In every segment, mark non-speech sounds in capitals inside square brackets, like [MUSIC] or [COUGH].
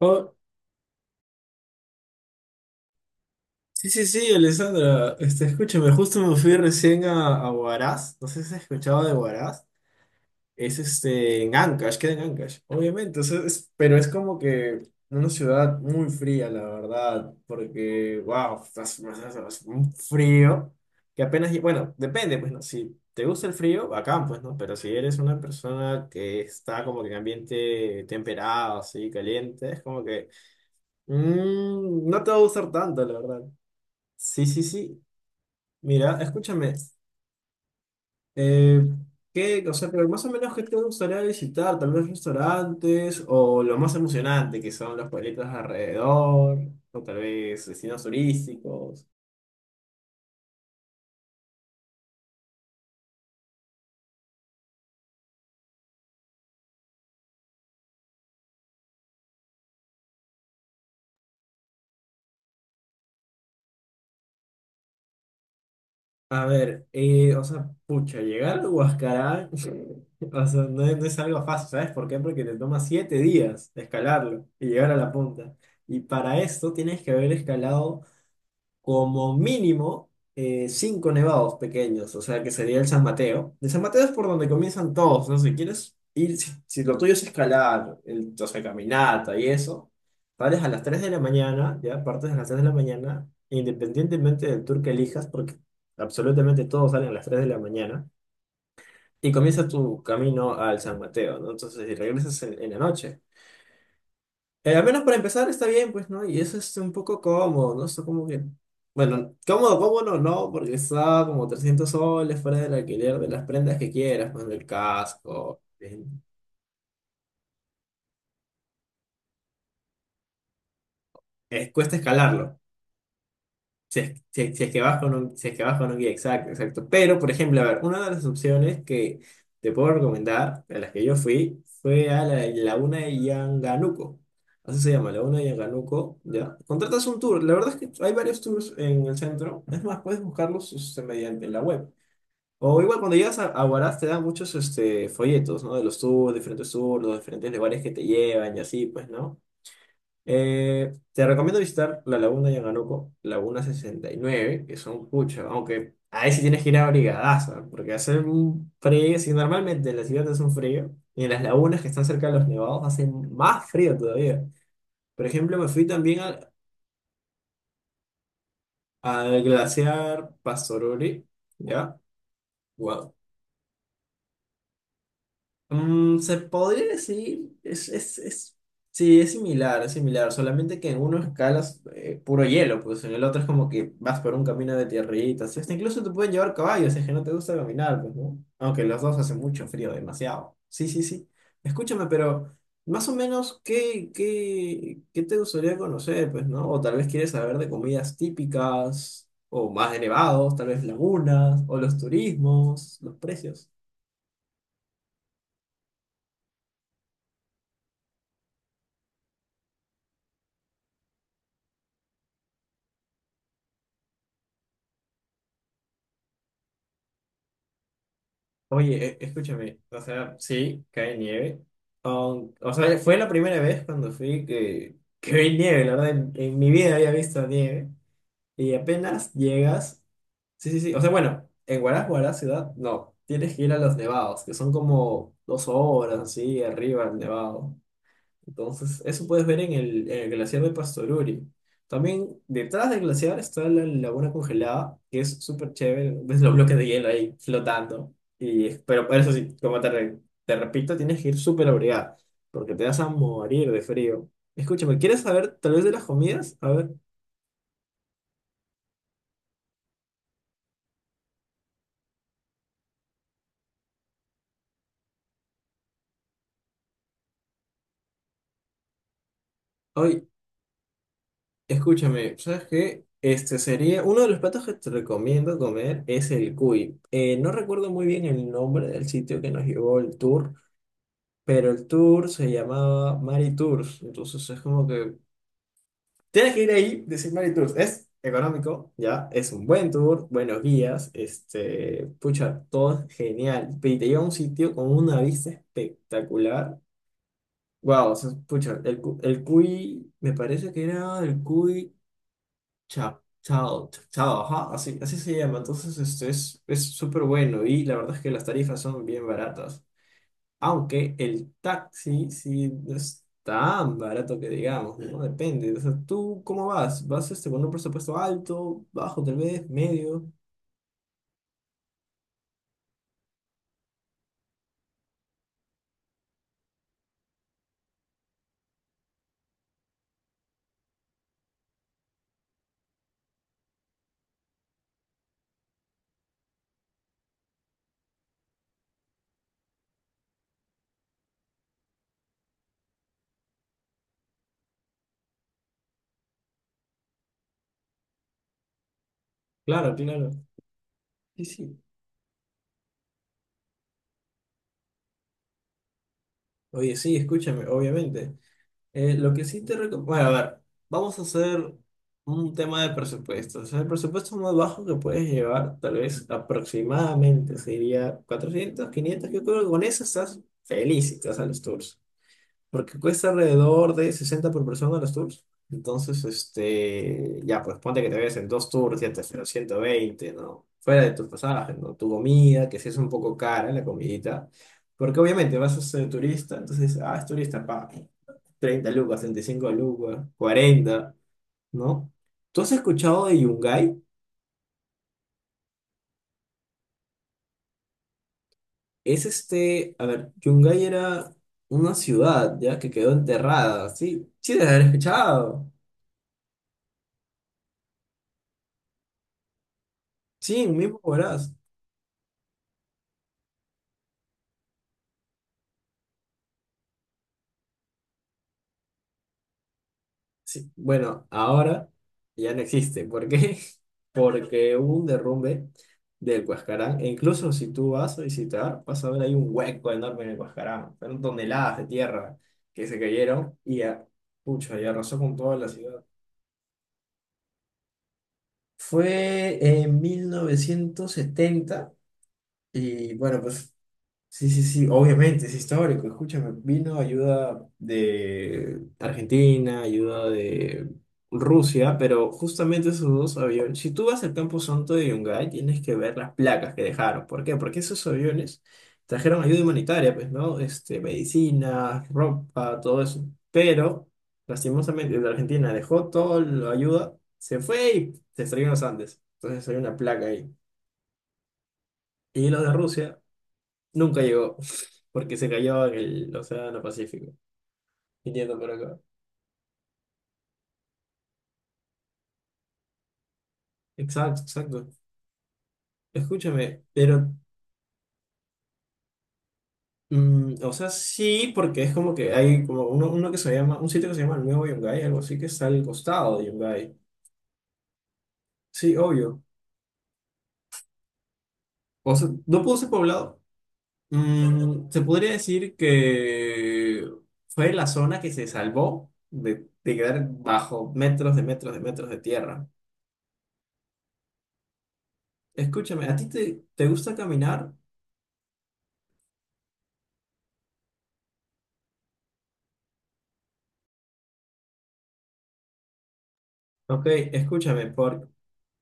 Oh, sí, sí, sí, Alessandra. Este, escúchame, justo me fui recién a Huaraz. No sé si has escuchado de Huaraz. Es este, en Ancash, queda en Ancash, obviamente. O sea, pero es como que una ciudad muy fría, la verdad. Porque, wow, un frío que apenas. Bueno, depende, pues, ¿no? Si te gusta el frío, acá, pues, ¿no? Pero si eres una persona que está como que en ambiente temperado, así, caliente, es como que. Mm, no te va a gustar tanto, la verdad. Sí, sí, sí. Mira, escúchame. eh, ¿Qué, o sea, pero más o menos qué te gustaría visitar? Tal vez restaurantes o lo más emocionante que son los pueblitos alrededor o tal vez destinos turísticos. A ver, o sea, pucha, llegar a Huascarán, [LAUGHS] o sea, no es algo fácil, ¿sabes por qué? Porque te toma 7 días escalarlo y llegar a la punta. Y para esto tienes que haber escalado como mínimo 5 nevados pequeños, o sea que sería el San Mateo. El San Mateo es por donde comienzan todos, ¿no? Si quieres ir, si lo tuyo es escalar, o sea, caminata y eso, sales a las 3 de la mañana, ya partes a las 3 de la mañana, independientemente del tour que elijas, porque absolutamente todos salen a las 3 de la mañana, y comienza tu camino al San Mateo, ¿no? Entonces, y regresas en la noche. Al menos para empezar está bien, pues, ¿no? Y eso es un poco cómodo, ¿no? Está como que... Bueno, cómodo no, porque está como 300 soles fuera del alquiler de las prendas que quieras, pues, del casco. Cuesta escalarlo. Si es que vas con un, si es que vas con un guía, exacto, exacto. Pero, por ejemplo, a ver, una de las opciones que te puedo recomendar, a las que yo fui, fue a la Laguna de Yanganuco. Así se llama, Laguna de Yanganuco, ¿ya? Contratas un tour. La verdad es que hay varios tours en el centro. Es más, puedes buscarlos este, mediante la web. O igual cuando llegas a Huaraz te dan muchos este, folletos, ¿no? De los tours, diferentes tours, los diferentes lugares que te llevan y así, pues, ¿no? Te recomiendo visitar la Laguna de Yanganoco, Laguna 69, que son pucha, aunque ahí sí tienes que ir abrigadaza, porque hace un frío, si normalmente en la ciudad hace un frío, y en las lagunas que están cerca de los nevados hace más frío todavía. Por ejemplo, me fui también al glaciar Pastoruri, ¿ya? Mm, se podría decir, es, sí, es similar, solamente que en uno escalas puro hielo, pues en el otro es como que vas por un camino de tierritas, hasta incluso te pueden llevar caballos, si es que no te gusta caminar, pues, ¿no? Aunque los dos hace mucho frío, demasiado. Sí, sí, sí. Escúchame, pero más o menos, ¿qué, qué te gustaría conocer, pues, ¿no? O tal vez quieres saber de comidas típicas, o más elevados, tal vez lagunas, o los turismos, los precios. Oye, escúchame, o sea, sí, cae nieve. O sea, fue la primera vez cuando fui que vi nieve, la verdad, en mi vida había visto nieve. Y apenas llegas, sí, sí, sí, o sea, bueno, en Huaraz, Huaraz ciudad, no, tienes que ir a los nevados, que son como 2 horas así arriba el nevado. Entonces, eso puedes ver en el glaciar de Pastoruri. También detrás del glaciar está la laguna congelada, que es súper chévere. Ves los bloques de hielo ahí flotando. Y, pero eso sí, te repito, tienes que ir súper abrigada, porque te vas a morir de frío. Escúchame, ¿quieres saber tal vez de las comidas? A ver, hoy, escúchame, ¿sabes qué? Este sería uno de los platos que te recomiendo comer es el cuy. No recuerdo muy bien el nombre del sitio que nos llevó el tour. Pero el tour se llamaba Mari Tours, entonces es como que tienes que ir ahí, decir Mari Tours, es económico, ya, es un buen tour, buenos guías, este, pucha, todo es genial, y te lleva a un sitio con una vista espectacular, wow, o sea, pucha, el Cuy, me parece que era el Cuy Chao, Chao, Chao, ajá, así, así se llama, entonces este es súper bueno y la verdad es que las tarifas son bien baratas. Aunque el taxi sí no es tan barato que digamos, ¿no? Depende. O sea, ¿tú cómo vas? ¿Vas este, con un presupuesto alto, bajo tal vez, medio? Claro, claro. Sí, sí. Oye, sí, escúchame, obviamente. Lo que sí te recomiendo... Bueno, a ver, vamos a hacer un tema de presupuesto. O sea, el presupuesto más bajo que puedes llevar, tal vez aproximadamente, sería 400, 500. Yo creo que con eso estás felicito a los tours. Porque cuesta alrededor de 60 por persona los tours. Entonces, este, ya, pues ponte que te ves en 2 tours, ya te hacen los 120, ¿no? Fuera de tus pasajes, ¿no? Tu comida, que si es un poco cara la comidita. Porque obviamente vas a ser turista, entonces, ah, es turista, pa, 30 lucas, 35 lucas, 40, ¿no? ¿Tú has escuchado de Yungay? Es este, a ver, Yungay era una ciudad, ¿ya? Que quedó enterrada, sí, sí, debes haber escuchado. Sí, mismo verás. Sí, bueno, ahora ya no existe. ¿Por qué? [LAUGHS] Porque hubo un derrumbe del Huascarán. E incluso si tú vas a visitar, vas a ver ahí un hueco enorme en el Huascarán. Fueron toneladas de tierra que se cayeron pucha, y arrasó con toda la ciudad. Fue en 1970 y bueno, pues sí, sí, sí, obviamente es histórico. Escúchame, vino ayuda de Argentina, ayuda de Rusia, pero justamente esos dos aviones, si tú vas al Campo Santo de Yungay, tienes que ver las placas que dejaron. ¿Por qué? Porque esos aviones trajeron ayuda humanitaria, pues, ¿no? Este, medicina, ropa, todo eso. Pero, lastimosamente, el de Argentina dejó toda la ayuda, se fue y se estrelló en los Andes. Entonces hay una placa ahí. Y los de Rusia nunca llegó, porque se cayó en el Océano Pacífico, viniendo por acá. Exacto, exacto. Escúchame, pero, mm, o sea, sí, porque es como que hay como uno que se llama, un sitio que se llama el Nuevo Yungay, algo así que está al costado de Yungay. Sí, obvio. O sea, no pudo ser poblado. Mm, se podría decir que fue la zona que se salvó de quedar bajo metros de metros de metros de tierra. Escúchame, ¿a ti te gusta caminar? Ok, escúchame, por,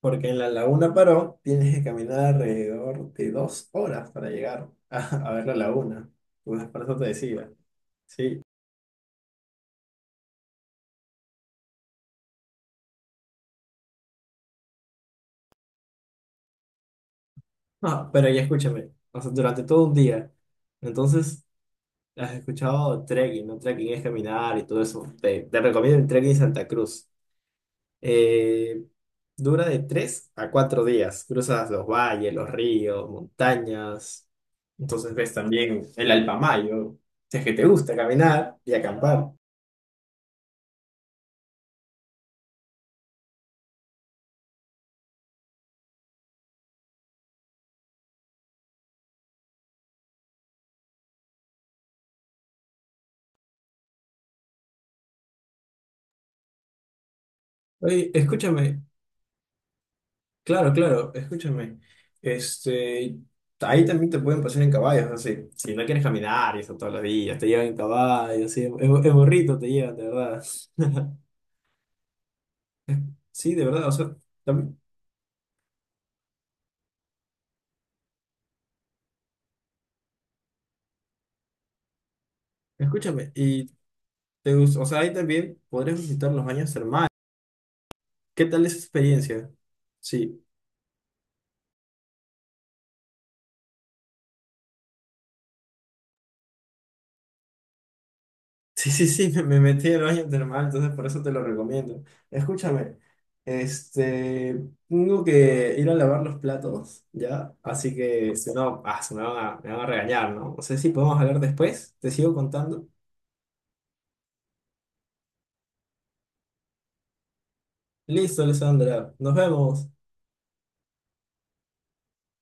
porque en la Laguna Paró tienes que caminar alrededor de 2 horas para llegar a ver la laguna. Pues por eso te decía. Sí. No, pero ya escúchame. O sea, durante todo un día. Entonces, has escuchado trekking, ¿no? Trekking es caminar y todo eso. Te recomiendo el trekking Santa Cruz. Eh, Dura de 3 a 4 días. Cruzas los valles, los ríos, montañas. Entonces ves también el Alpamayo. Si es que te gusta caminar y acampar. Oye, escúchame, claro, claro, escúchame. Este, ahí también te pueden pasar en caballos, así. Si no quieres caminar y eso todos los días, te llevan en caballo, así, en burrito te llevan, de verdad. [LAUGHS] Sí, de verdad, o sea, también, escúchame, y o sea, ahí también podrías visitar los baños termales. ¿Qué tal esa experiencia? Sí. Sí, sí, sí, [LAUGHS] me metí al baño termal, entonces por eso te lo recomiendo. Escúchame, este, tengo que ir a lavar los platos, ¿ya? Así que si no, ah, se me van a regañar, ¿no? No sé si podemos hablar después, te sigo contando. Listo, Alessandra, nos vemos.